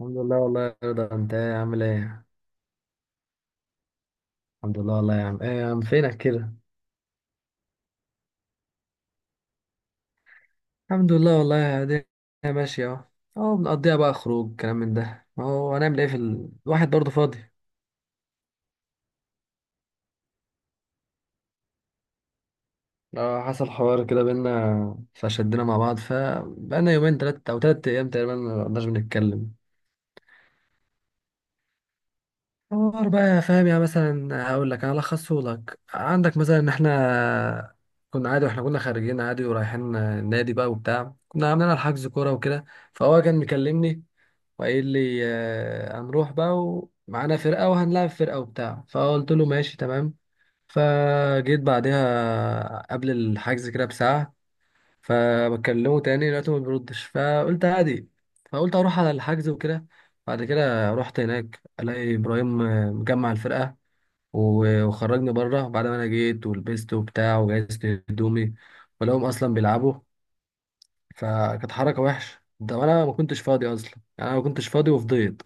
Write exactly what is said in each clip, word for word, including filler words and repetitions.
الحمد لله والله يا رضا، انت ايه عامل ايه؟ الحمد لله والله يا عم. ايه يا عم فينك كده؟ الحمد لله والله الدنيا ماشية اهو. اهو بنقضيها بقى، خروج كلام من ده، ما هو هنعمل ايه في ال... الواحد برضه فاضي. اه حصل حوار كده بينا فشدنا مع بعض، فبقالنا يومين تلات او تلات ايام تقريبا ما قعدناش بنتكلم. حوار بقى، يا فاهم يعني؟ مثلا هقول لك، هلخصه لك، عندك مثلا ان احنا كنا عادي، واحنا كنا خارجين عادي ورايحين النادي بقى وبتاع، كنا عاملين على حجز كورة وكده. فهو كان مكلمني وقايل لي آه، هنروح بقى ومعانا فرقة وهنلعب فرقة وبتاع، فقلت له ماشي تمام. فجيت بعدها قبل الحجز كده بساعة، فبكلمه تاني لقيته ما بيردش، فقلت عادي. فقلت أروح على الحجز وكده. بعد كده رحت هناك، ألاقي إبراهيم آه، مجمع الفرقة و- وخرجني بره بعد ما أنا جيت ولبست وبتاع وجهزت هدومي، ولقوهم أصلا بيلعبوا. فكانت حركة وحشة، ده أنا ما كنتش فاضي أصلا. يعني أنا ما كنتش فاضي وفضيت،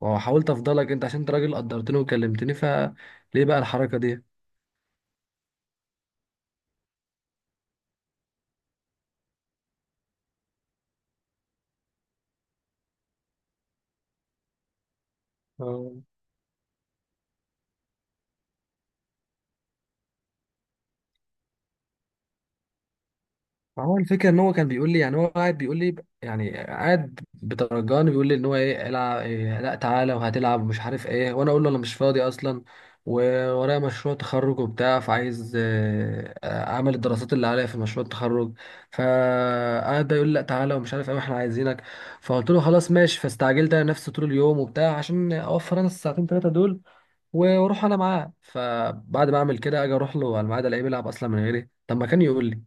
وحاولت افضلك انت عشان انت راجل قدرتني وكلمتني، فليه بقى الحركه دي؟ آه. هو الفكره ان هو كان بيقول لي، يعني هو قاعد بيقول لي، يعني قاعد بترجاني، بيقول لي ان هو ايه، العب إيه، لا تعالى وهتلعب ومش عارف ايه، وانا اقول له انا مش فاضي اصلا وورايا مشروع تخرج وبتاع، فعايز آه، اعمل الدراسات اللي عليا في مشروع التخرج. فقعد بقى يقول لي لا تعالى ومش عارف ايه واحنا عايزينك، فقلت له خلاص ماشي. فاستعجلت انا نفسي طول اليوم وبتاع عشان اوفر انا الساعتين ثلاثه دول واروح انا معاه، فبعد ما اعمل كده اجي اروح له على الميعاد الاقيه بيلعب اصلا من غيري. طب ما كان يقول لي.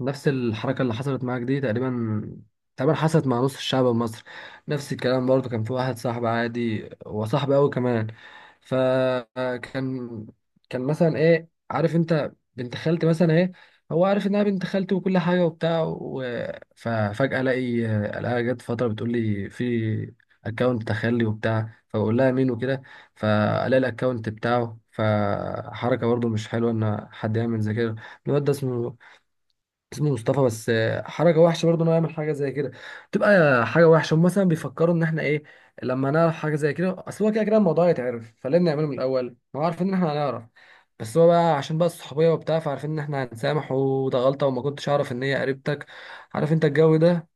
نفس الحركة اللي حصلت معاك دي تقريبا، تقريبا حصلت مع نص الشعب المصري. نفس الكلام برضه، كان في واحد صاحب عادي وصاحبي قوي كمان، فكان كان مثلا ايه، عارف انت بنت خالتي مثلا ايه، هو عارف انها بنت خالتي وكل حاجة وبتاع و... ففجأة الاقي، الاقيها جت فترة بتقول لي في اكونت تخلي وبتاع، فبقول لها مين وكده، فالاقي الاكونت بتاعه. فحركة برضه مش حلوة ان حد يعمل زي كده. الواد ده اسمه اسمه مصطفى، بس آه، حركه وحشه برضه انه يعمل حاجه زي كده. تبقى حاجه وحشه، هم مثلا بيفكروا ان احنا ايه لما نعرف حاجه زي كده؟ اصل هو كده كده الموضوع يتعرف، فليه بنعمله من الاول ما هو عارفين ان احنا هنعرف؟ بس هو بقى عشان بقى الصحوبيه وبتاع فعارفين ان احنا هنسامح، وده غلطه، وما كنتش اعرف ان هي قريبتك. عارف انت الجو ده؟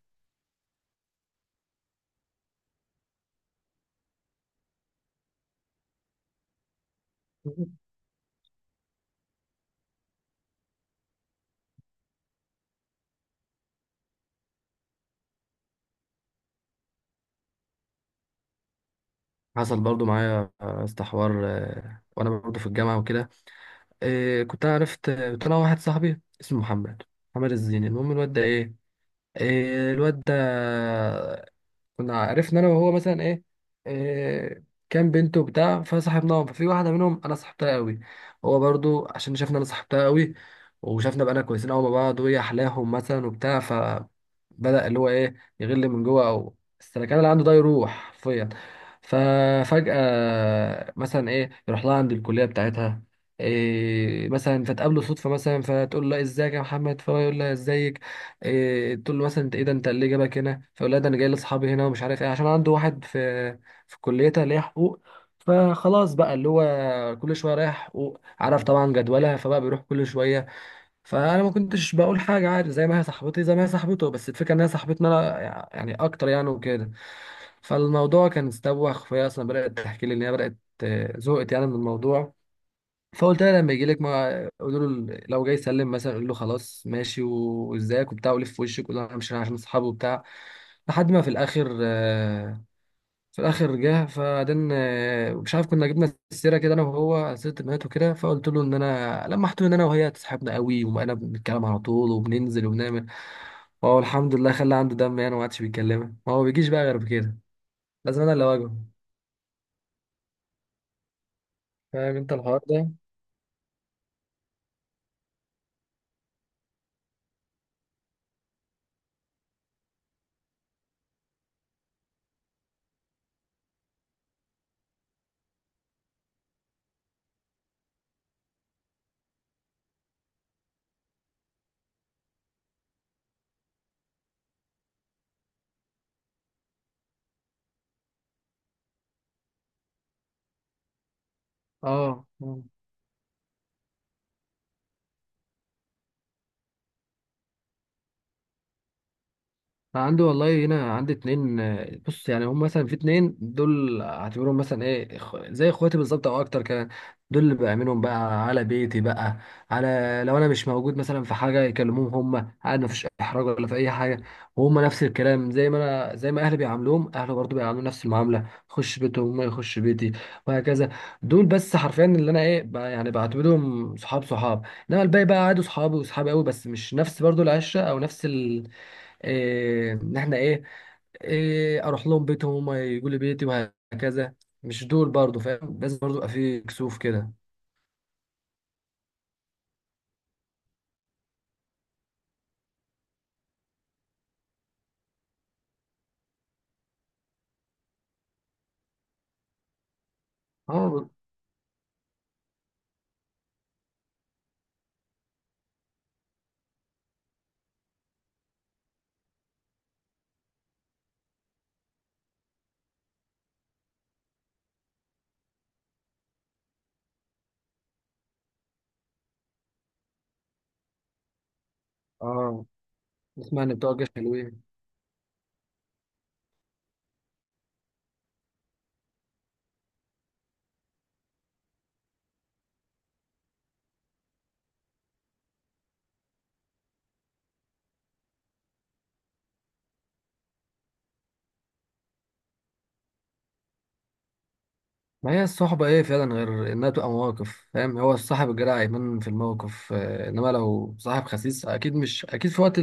حصل برضو معايا يا اسطى حوار آه، وانا برضو في الجامعه وكده. آه، كنت أنا عرفت، كنت انا واحد صاحبي اسمه محمد، محمد الزيني. المهم الواد ده ايه، آه، الواد ده كنا عرفنا انا وهو مثلا ايه, إيه كان بنته بتاع، فصاحبناهم. ففي واحده منهم انا صاحبتها قوي، هو برضو عشان شافنا انا صاحبتها قوي وشافنا بقى كويسين قوي مع بعض وهي احلاهم مثلا وبتاع، فبدا اللي هو ايه، يغل من جوه او السلكان اللي عنده ده يروح حرفيا. ففجاه مثلا ايه يروح لها عند الكليه بتاعتها إيه مثلا، فتقابله صدفه مثلا، فتقول له ازيك يا محمد، فهو يقول لها ازيك إيه، تقول له مثلا انت ايه ده، انت اللي جابك هنا؟ فيقول لها ده انا جاي لاصحابي هنا ومش عارف ايه، عشان عنده واحد في في كليتها اللي هي حقوق. فخلاص بقى اللي هو كل شويه رايح حقوق، عارف طبعا جدولها، فبقى بيروح كل شويه. فانا ما كنتش بقول حاجه عادي، زي ما هي صاحبتي زي ما هي صاحبته، بس الفكره ان هي صاحبتنا انا يعني اكتر يعني وكده. فالموضوع كان استوخ، فهي اصلا بدات تحكي لي ان هي بدات آه، زهقت يعني من الموضوع. فقلت لها لما يجي لك ما قولوا له، لو جاي يسلم مثلا قول له خلاص ماشي و- وازيك وبتاع ولف في وشك، قول له انا مش رايح عشان اصحابه وبتاع. لحد ما في الاخر آه، في الاخر جه. فبعدين آه، مش عارف كنا جبنا السيره كده انا وهو، سيره البنات وكده، فقلت له ان انا لمحت له ان انا وهي تصاحبنا قوي وانا بنتكلم على طول وبننزل وبنعمل. وهو الحمد لله خلى عنده دم يعني وما عادش بيتكلمها، ما هو بيجيش بقى غير بكده، لازم انا اللي اواجهه. فاهم انت الحوار ده؟ اه. أنا عندي والله، هنا عندي اتنين، آه، بص، يعني هم مثلا في اتنين دول اعتبرهم مثلا ايه إخ- زي اخواتي بالظبط او اكتر كمان. دول اللي بأمنهم بقى على بيتي، بقى على، لو انا مش موجود مثلا في حاجة يكلموهم هم، عاد مفيش احراج ولا في اي حاجة. وهم نفس الكلام زي ما انا، زي ما اهلي بيعاملوهم اهله برضو بيعاملوا نفس المعاملة، خش بيتهم ما يخش بيتي وهكذا. دول بس حرفيا اللي انا ايه ب- يعني بعتبرهم صحاب صحاب. انما الباقي بقى عادوا صحابي وصحابي قوي، بس مش نفس برضو العشرة او نفس إيه، ان احنا ايه, إيه اروح لهم بيتهم هم يقولوا لي بيتي وهكذا. مش دول برضو، فاهم؟ لازم برضو يبقى في كسوف كده. اه. اه. اسمع ان بتوع الجيش حلوين. ما هي الصحبة ايه فعلا غير انها تبقى مواقف؟ فاهم؟ هو الصاحب الجدع يبان في الموقف آه، انما لو صاحب خسيس اكيد، مش اكيد، في وقت،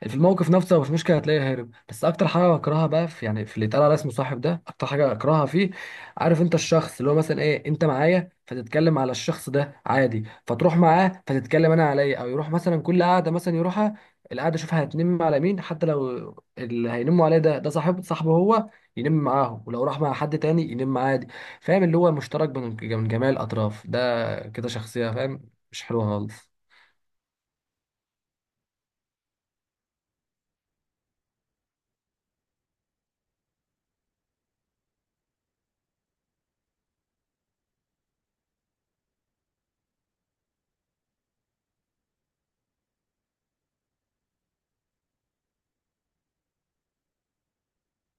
في الموقف نفسه مش مشكله هتلاقيه هارب. بس اكتر حاجه بكرهها بقى في يعني، في اللي اتقال على اسمه صاحب ده، اكتر حاجه اكرهها فيه، عارف انت الشخص اللي هو مثلا ايه، انت معايا فتتكلم على الشخص ده عادي، فتروح معاه فتتكلم انا عليا، او يروح مثلا كل قعده مثلا يروحها القعده، شوفها هتنم على مين؟ حتى لو اللي هينموا عليه ده ده صاحب صاحبه هو، ينم معاهم، ولو راح مع حد تاني ينم عادي. فاهم اللي هو مشترك بين من جميع الاطراف ده؟ كده شخصيه فاهم مش حلوه خالص.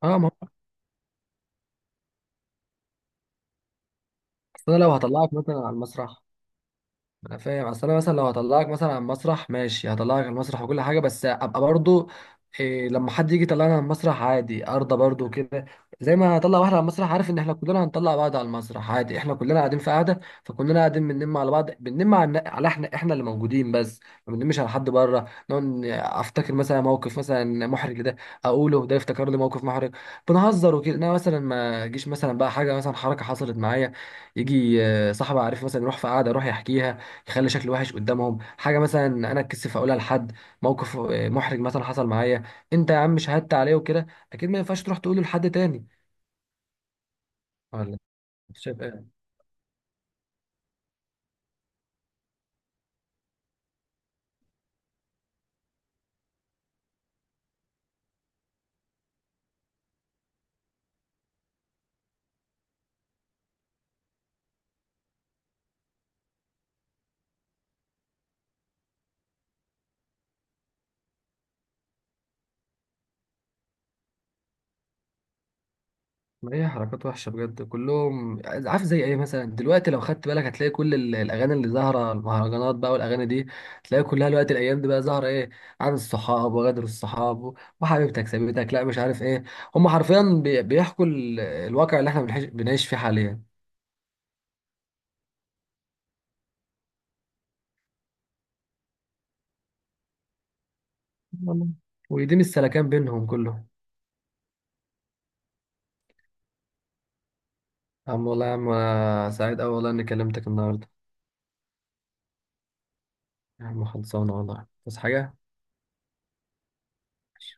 اه، ما هو أصل انا لو هطلعك مثلا على المسرح، انا فاهم، اصل انا مثلا لو هطلعك مثلا على المسرح ماشي، هطلعك على المسرح وكل حاجه، بس ابقى برضو إيه لما حد يجي يطلعنا على المسرح عادي ارضى برضو كده. زي ما هطلع واحد على المسرح عارف ان احنا كلنا هنطلع بعض على المسرح، عادي احنا كلنا قاعدين في قعده، فكلنا قاعدين بننم على بعض، بننم على على احنا، احنا اللي موجودين بس، ما بننمش على حد بره. نقعد ن- افتكر مثلا موقف مثلا محرج ده، اقوله ده يفتكر لي موقف محرج، بنهزر وكده. انا مثلا ما اجيش مثلا بقى حاجه مثلا حركه حصلت معايا، يجي آه، صاحبي عارف مثلا يروح في قعده يروح يحكيها، يخلي شكلي وحش قدامهم. حاجه مثلا انا اتكسف اقولها لحد، موقف آه، محرج مثلا حصل معايا، انت يا عم شهدت عليه وكده، اكيد ما ينفعش تروح تقوله لحد تاني. ولا شايف ايه؟ ما هي حركات وحشه بجد كلهم. عارف زي ايه مثلا؟ دلوقتي لو خدت بالك هتلاقي كل ال- الاغاني اللي ظاهره المهرجانات بقى والاغاني دي، تلاقي كلها الوقت الايام دي بقى ظاهره ايه؟ عن الصحاب وغدر الصحاب و- وحبيبتك سابتك لا مش عارف ايه، هم حرفيا بي- بيحكوا ال- الواقع اللي احنا بنعيش بنعيش فيه حاليا. والله. ودي مش سلكان بينهم كلهم؟ عم والله يا عم، أنا سعيد أوي والله إني كلمتك النهاردة. يا عم خلصانة والله، بس حاجة.